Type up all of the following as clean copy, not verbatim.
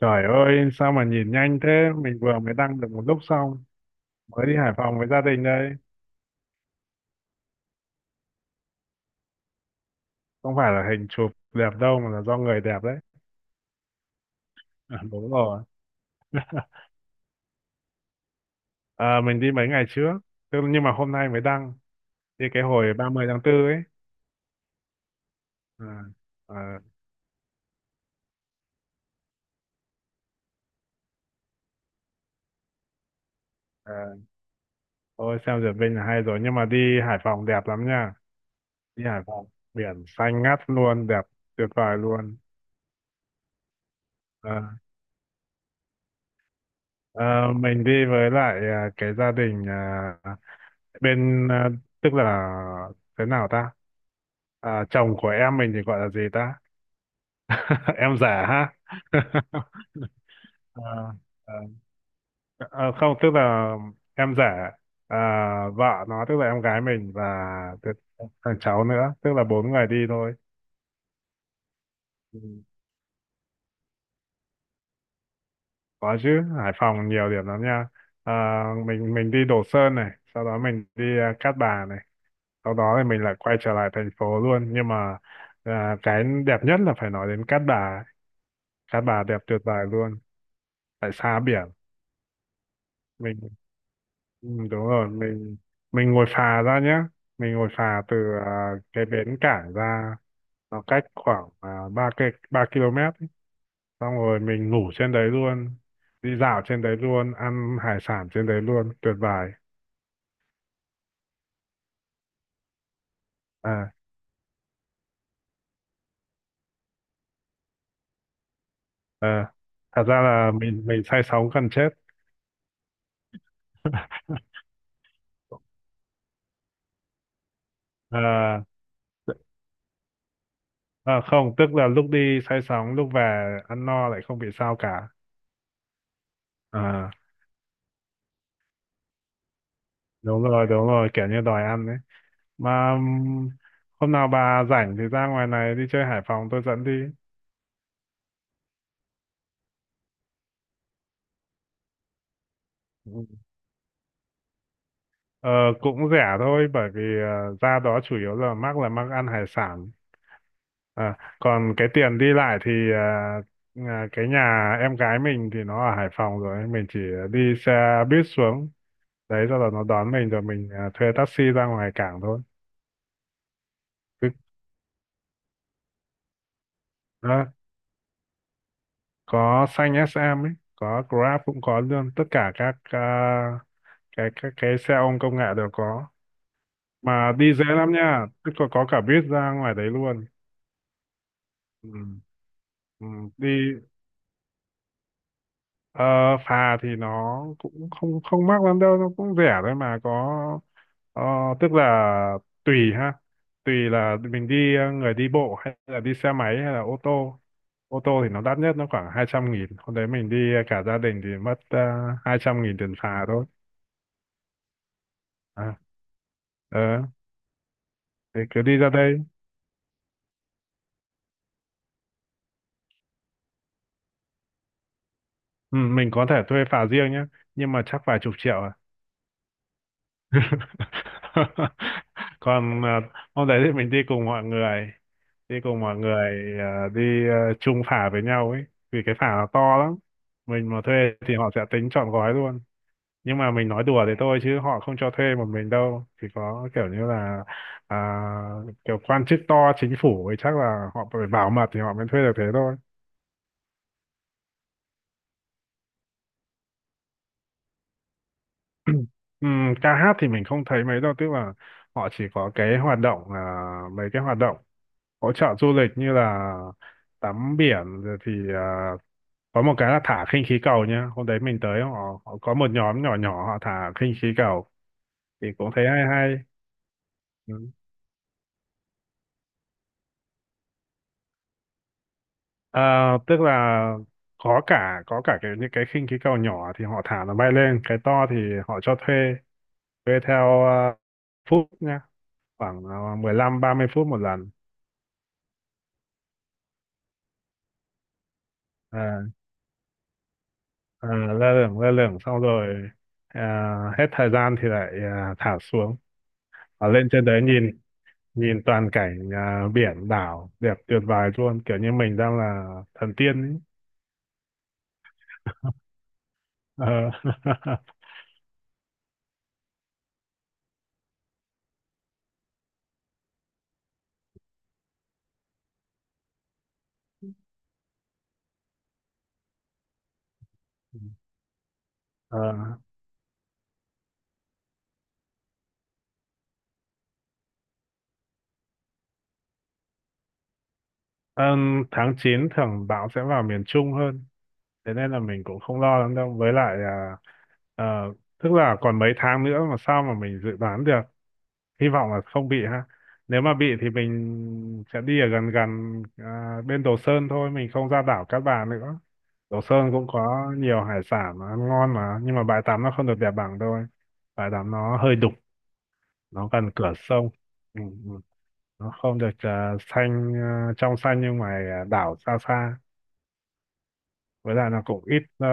Trời ơi, sao mà nhìn nhanh thế? Mình vừa mới đăng được một lúc xong, mới đi Hải Phòng với gia đình đây. Không phải là hình chụp đẹp đâu mà là do người đẹp đấy. À, đúng rồi. À, mình đi mấy ngày trước, nhưng mà hôm nay mới đăng, đi cái hồi 30 tháng 4 ấy. À, à, à, thôi xem duyệt Vinh là hay rồi, nhưng mà đi Hải Phòng đẹp lắm nha. Đi Hải Phòng, biển xanh ngắt luôn, đẹp tuyệt vời luôn. À, mình đi với lại cái gia đình bên, tức là thế nào ta? Chồng của em mình thì gọi là gì ta em giả ha à, à, không tức là em giả à, vợ nó tức là em gái mình và cái- thằng cháu nữa, tức là bốn người đi thôi. Ừ. Có chứ, Hải Phòng nhiều điểm lắm nha. à, mình đi Đồ Sơn này, sau đó mình đi Cát Bà này, sau đó thì mình lại quay trở lại thành phố luôn, nhưng mà cái đẹp nhất là phải nói đến Cát Bà ấy. Cát Bà đẹp tuyệt vời luôn, tại xa biển mình. Ừ, đúng rồi. Mình ngồi phà ra nhé. Mình ngồi phà từ cái bến cảng ra, nó cách khoảng 3 cây ba km ấy. Xong rồi mình ngủ trên đấy luôn, đi dạo trên đấy luôn, ăn hải sản trên đấy luôn, tuyệt vời. à, à, Thật ra là mình say sóng gần chết. à, Không, tức là lúc đi say sóng, lúc về ăn no lại không bị sao cả. à, Đúng rồi, đúng rồi, kiểu như đòi ăn đấy. Mà hôm nào bà rảnh thì ra ngoài này đi chơi Hải Phòng tôi dẫn đi. Ừ. Ờ, cũng rẻ thôi, bởi vì ra đó chủ yếu là mắc ăn hải sản. À, còn cái tiền đi lại thì cái nhà em gái mình thì nó ở Hải Phòng rồi. Mình chỉ đi xe buýt xuống. Đấy, sau đó nó đón mình rồi mình thuê taxi ra ngoài cảng thôi. Cứ, đó, có xanh SM ấy, có Grab cũng có luôn. Tất cả các cái xe ôm công nghệ đều có. Mà đi dễ lắm nha, tức là có cả buýt ra ngoài đấy luôn. Ừ. Ừ, đi ờ, phà thì nó cũng không không mắc lắm đâu, nó cũng rẻ thôi. Mà có ờ, tức là tùy ha, tùy là mình đi người đi bộ hay là đi xe máy hay là ô tô. Ô tô thì nó đắt nhất, nó khoảng 200.000. Hôm đấy mình đi cả gia đình thì mất 200.000 tiền phà thôi. à, ờ, thì cứ đi ra đây. Ừ, mình có thể thuê phà riêng nhé, nhưng mà chắc vài chục triệu à. Còn hôm đấy thì mình đi cùng mọi người, đi cùng mọi người đi chung phả với nhau ấy, vì cái phả nó to lắm. Mình mà thuê thì họ sẽ tính trọn gói luôn. Nhưng mà mình nói đùa thế thôi, chứ họ không cho thuê một mình đâu, chỉ có kiểu như là à, kiểu quan chức to chính phủ ấy, chắc là họ phải bảo mật thì họ mới thuê được thế thôi. Ca hát thì mình không thấy mấy đâu, tức là họ chỉ có cái hoạt động là mấy cái hoạt động hỗ trợ du lịch như là tắm biển, rồi thì có một cái là thả khinh khí cầu nhá. Hôm đấy mình tới họ, họ có một nhóm nhỏ nhỏ họ thả khinh khí cầu thì cũng thấy hay hay. Ờ, tức là có cả cái những cái khinh khí cầu nhỏ thì họ thả nó bay lên, cái to thì họ cho thuê thuê theo phút nhá, khoảng 15-30 phút một lần. À, à, Lơ lửng lơ lửng xong rồi hết thời gian thì lại thả xuống. Ở lên trên đấy nhìn, nhìn toàn cảnh biển đảo đẹp tuyệt vời luôn, kiểu như mình đang là thần tiên ấy. Ờ. Ờ, ừm, tháng 9 thường bão sẽ vào miền Trung hơn, thế nên là mình cũng không lo lắm đâu. Với lại ờ, tức là còn mấy tháng nữa mà sao mà mình dự đoán được, hy vọng là không bị ha. Nếu mà bị thì mình sẽ đi ở gần gần bên Đồ Sơn thôi, mình không ra đảo Cát Bà nữa. Đồ Sơn cũng có nhiều hải sản mà ăn ngon mà, nhưng mà bãi tắm nó không được đẹp bằng thôi, bãi tắm nó hơi đục, nó gần cửa sông. Ừ, ừ, nó không được xanh, trong xanh. Nhưng mà đảo xa xa, với lại là cũng ít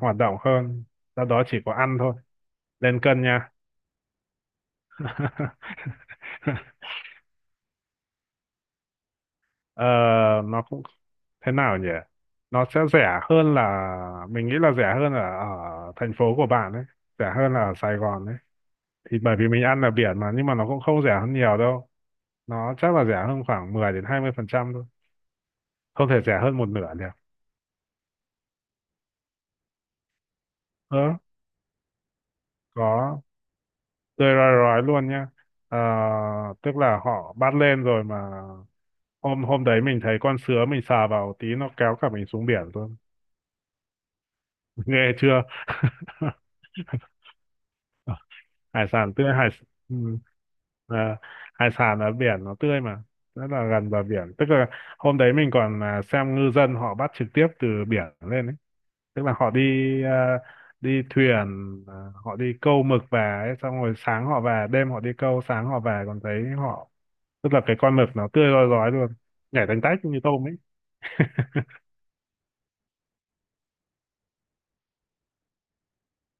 hoạt động hơn, do đó chỉ có ăn thôi, lên cân nha. Ờ, nó cũng thế nào nhỉ, nó sẽ rẻ hơn, là mình nghĩ là rẻ hơn ở, ở thành phố của bạn ấy, rẻ hơn là ở Sài Gòn ấy. Thì bởi vì mình ăn ở biển mà, nhưng mà nó cũng không rẻ hơn nhiều đâu, nó chắc là rẻ hơn khoảng 10 đến 20% thôi, không thể rẻ hơn một nửa được. Ờ, có, rồi rồi luôn nhá. Ờ, tức là họ bắt lên rồi mà, hôm hôm đấy mình thấy con sứa, mình sờ vào tí nó kéo cả mình xuống biển luôn. Nghe chưa? Hải sản tươi, hải. Ừ. À, hải sản ở biển nó tươi mà, rất là gần bờ biển, tức là hôm đấy mình còn xem ngư dân họ bắt trực tiếp từ biển lên ấy. Tức là họ đi à, đi thuyền à, họ đi câu mực về ấy, xong rồi sáng họ về, đêm họ đi câu sáng họ về, còn thấy họ, tức là cái con mực nó tươi rói rói luôn, nhảy tanh tách như tôm ấy.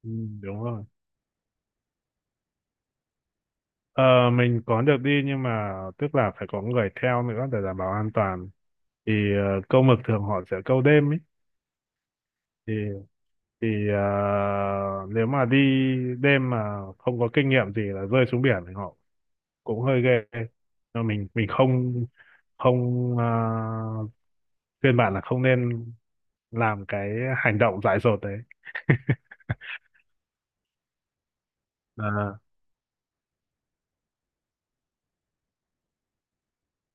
Ừ, đúng rồi. Ờ, mình có được đi, nhưng mà tức là phải có người theo nữa để đảm bảo an toàn. Thì câu mực thường họ sẽ câu đêm ấy. thì thì ờ, Nếu mà đi đêm mà không có kinh nghiệm gì là rơi xuống biển thì họ cũng hơi ghê. Nhưng mình không không khuyên bạn là không nên làm cái hành động dại dột đấy. à,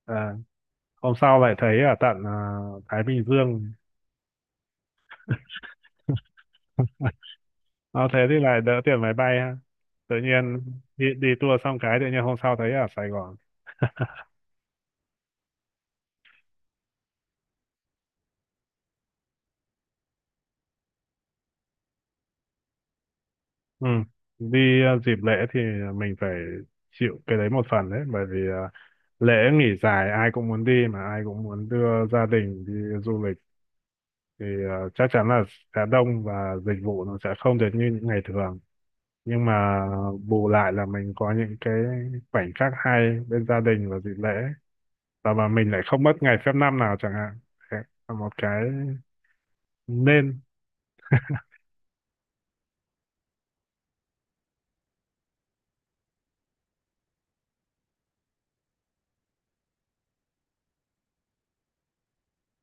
à. Hôm sau lại thấy ở tận Thái Bình Dương. Nó thế thì lại đỡ tiền máy bay ha. Tự nhiên đi tour xong cái tự nhiên hôm sau thấy ở Sài Gòn. Ừ. Đi dịp lễ thì mình phải chịu cái đấy một phần đấy. Bởi vì lễ nghỉ dài, ai cũng muốn đi, mà ai cũng muốn đưa gia đình đi du lịch. Thì chắc chắn là sẽ đông và dịch vụ nó sẽ không được như những ngày thường. Nhưng mà bù lại là mình có những cái khoảnh khắc hay bên gia đình vào dịp lễ, và mà mình lại không mất ngày phép năm nào chẳng hạn. Đấy là một cái nên.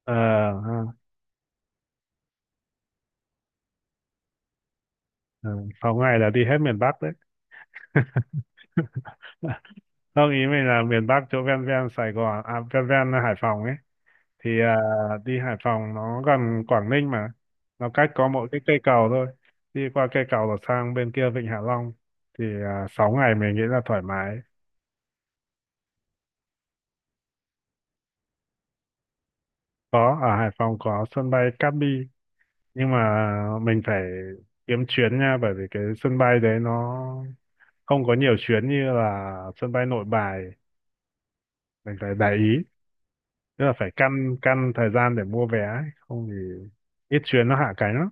Ờ ha, ờ, 6 ngày là đi hết miền Bắc đấy. Không, ý mình là miền Bắc chỗ ven ven Sài Gòn ven ven Hải Phòng ấy. Thì đi Hải Phòng nó gần Quảng Ninh mà, nó cách có mỗi cái cây cầu thôi. Đi qua cây cầu là sang bên kia Vịnh Hạ Long. Thì 6 ngày mình nghĩ là thoải mái. Có, ở Hải Phòng có sân bay Cát Bi, nhưng mà mình phải kiếm chuyến nha, bởi vì cái sân bay đấy nó không có nhiều chuyến như là sân bay Nội Bài. Mình phải để ý, tức là phải căn căn thời gian để mua vé ấy, không thì ít chuyến nó hạ cánh lắm.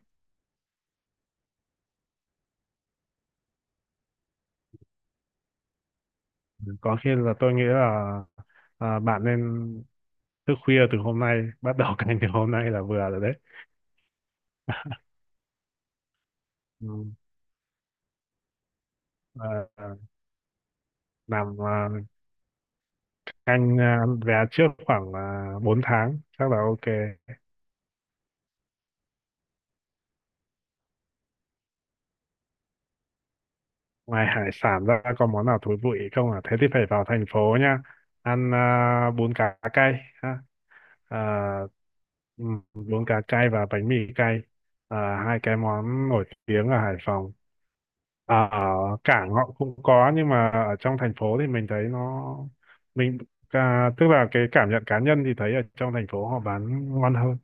Có khi là tôi nghĩ là bạn nên thức khuya từ hôm nay bắt đầu canh từ hôm nay là vừa rồi đấy. Ừ. à, à, làm canh vé trước khoảng 4 tháng chắc là ok. Ngoài hải sản ra có món nào thú vị không à? Thế thì phải vào thành phố nha. Ăn bún cá cay ha. À, bún cá cay và bánh mì cay. À, hai cái món nổi tiếng ở Hải Phòng. À, ở cảng họ cũng có, nhưng mà ở trong thành phố thì mình thấy nó, mình tức là cái cảm nhận cá nhân thì thấy ở trong thành phố họ bán ngon hơn.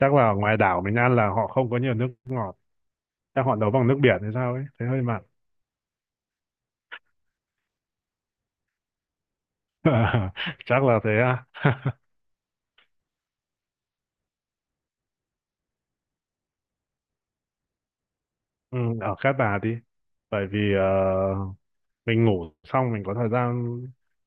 Chắc là ở ngoài đảo mình ăn là họ không có nhiều nước ngọt. Chắc họ nấu bằng nước biển hay sao ấy, thấy hơi mặn. Chắc là thế à. Ừ, ở Cát Bà đi, bởi vì mình ngủ xong mình có thời gian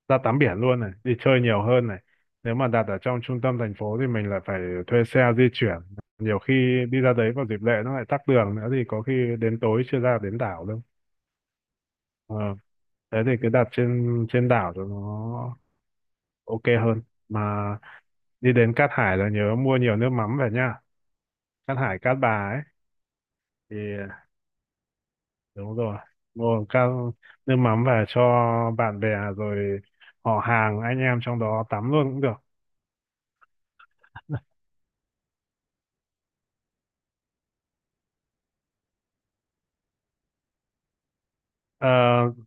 ra tắm biển luôn này, đi chơi nhiều hơn này. Nếu mà đặt ở trong trung tâm thành phố thì mình lại phải thuê xe di chuyển, nhiều khi đi ra đấy vào dịp lễ nó lại tắc đường nữa thì có khi đến tối chưa ra đến đảo đâu. Ờ, thế thì cứ đặt trên trên đảo cho nó ok hơn. Mà đi đến Cát Hải là nhớ mua nhiều nước mắm về nha, Cát Hải Cát Bà ấy. Thì đúng rồi, mua các nước mắm về cho bạn bè, rồi họ hàng anh em trong đó tắm luôn cũng được. Ờ,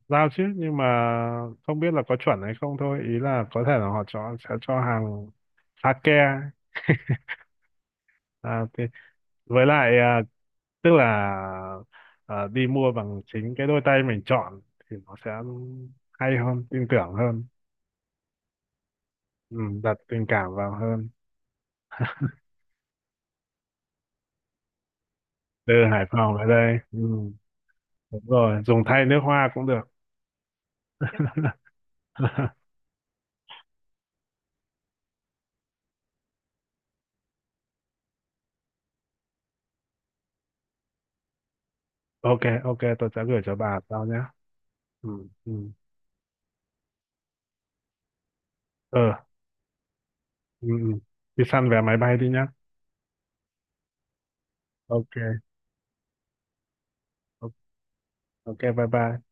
giao chứ, nhưng mà không biết là có chuẩn hay không thôi. Ý là có thể là họ cho sẽ cho hàng sake. Thì, với lại tức là đi mua bằng chính cái đôi tay mình chọn thì nó sẽ hay hơn, tin tưởng hơn. Ừ, đặt tình cảm vào hơn. Từ Hải Phòng về đây. Ừ, đúng rồi, dùng thay nước hoa cũng được. Ok, ok tôi sẽ gửi cho bà sau nhé. Ừ. Ừ. Ờ. Ừ, ừ. Đi săn vé máy bay đi nhá. Ok. Ok. Ok, bye bye.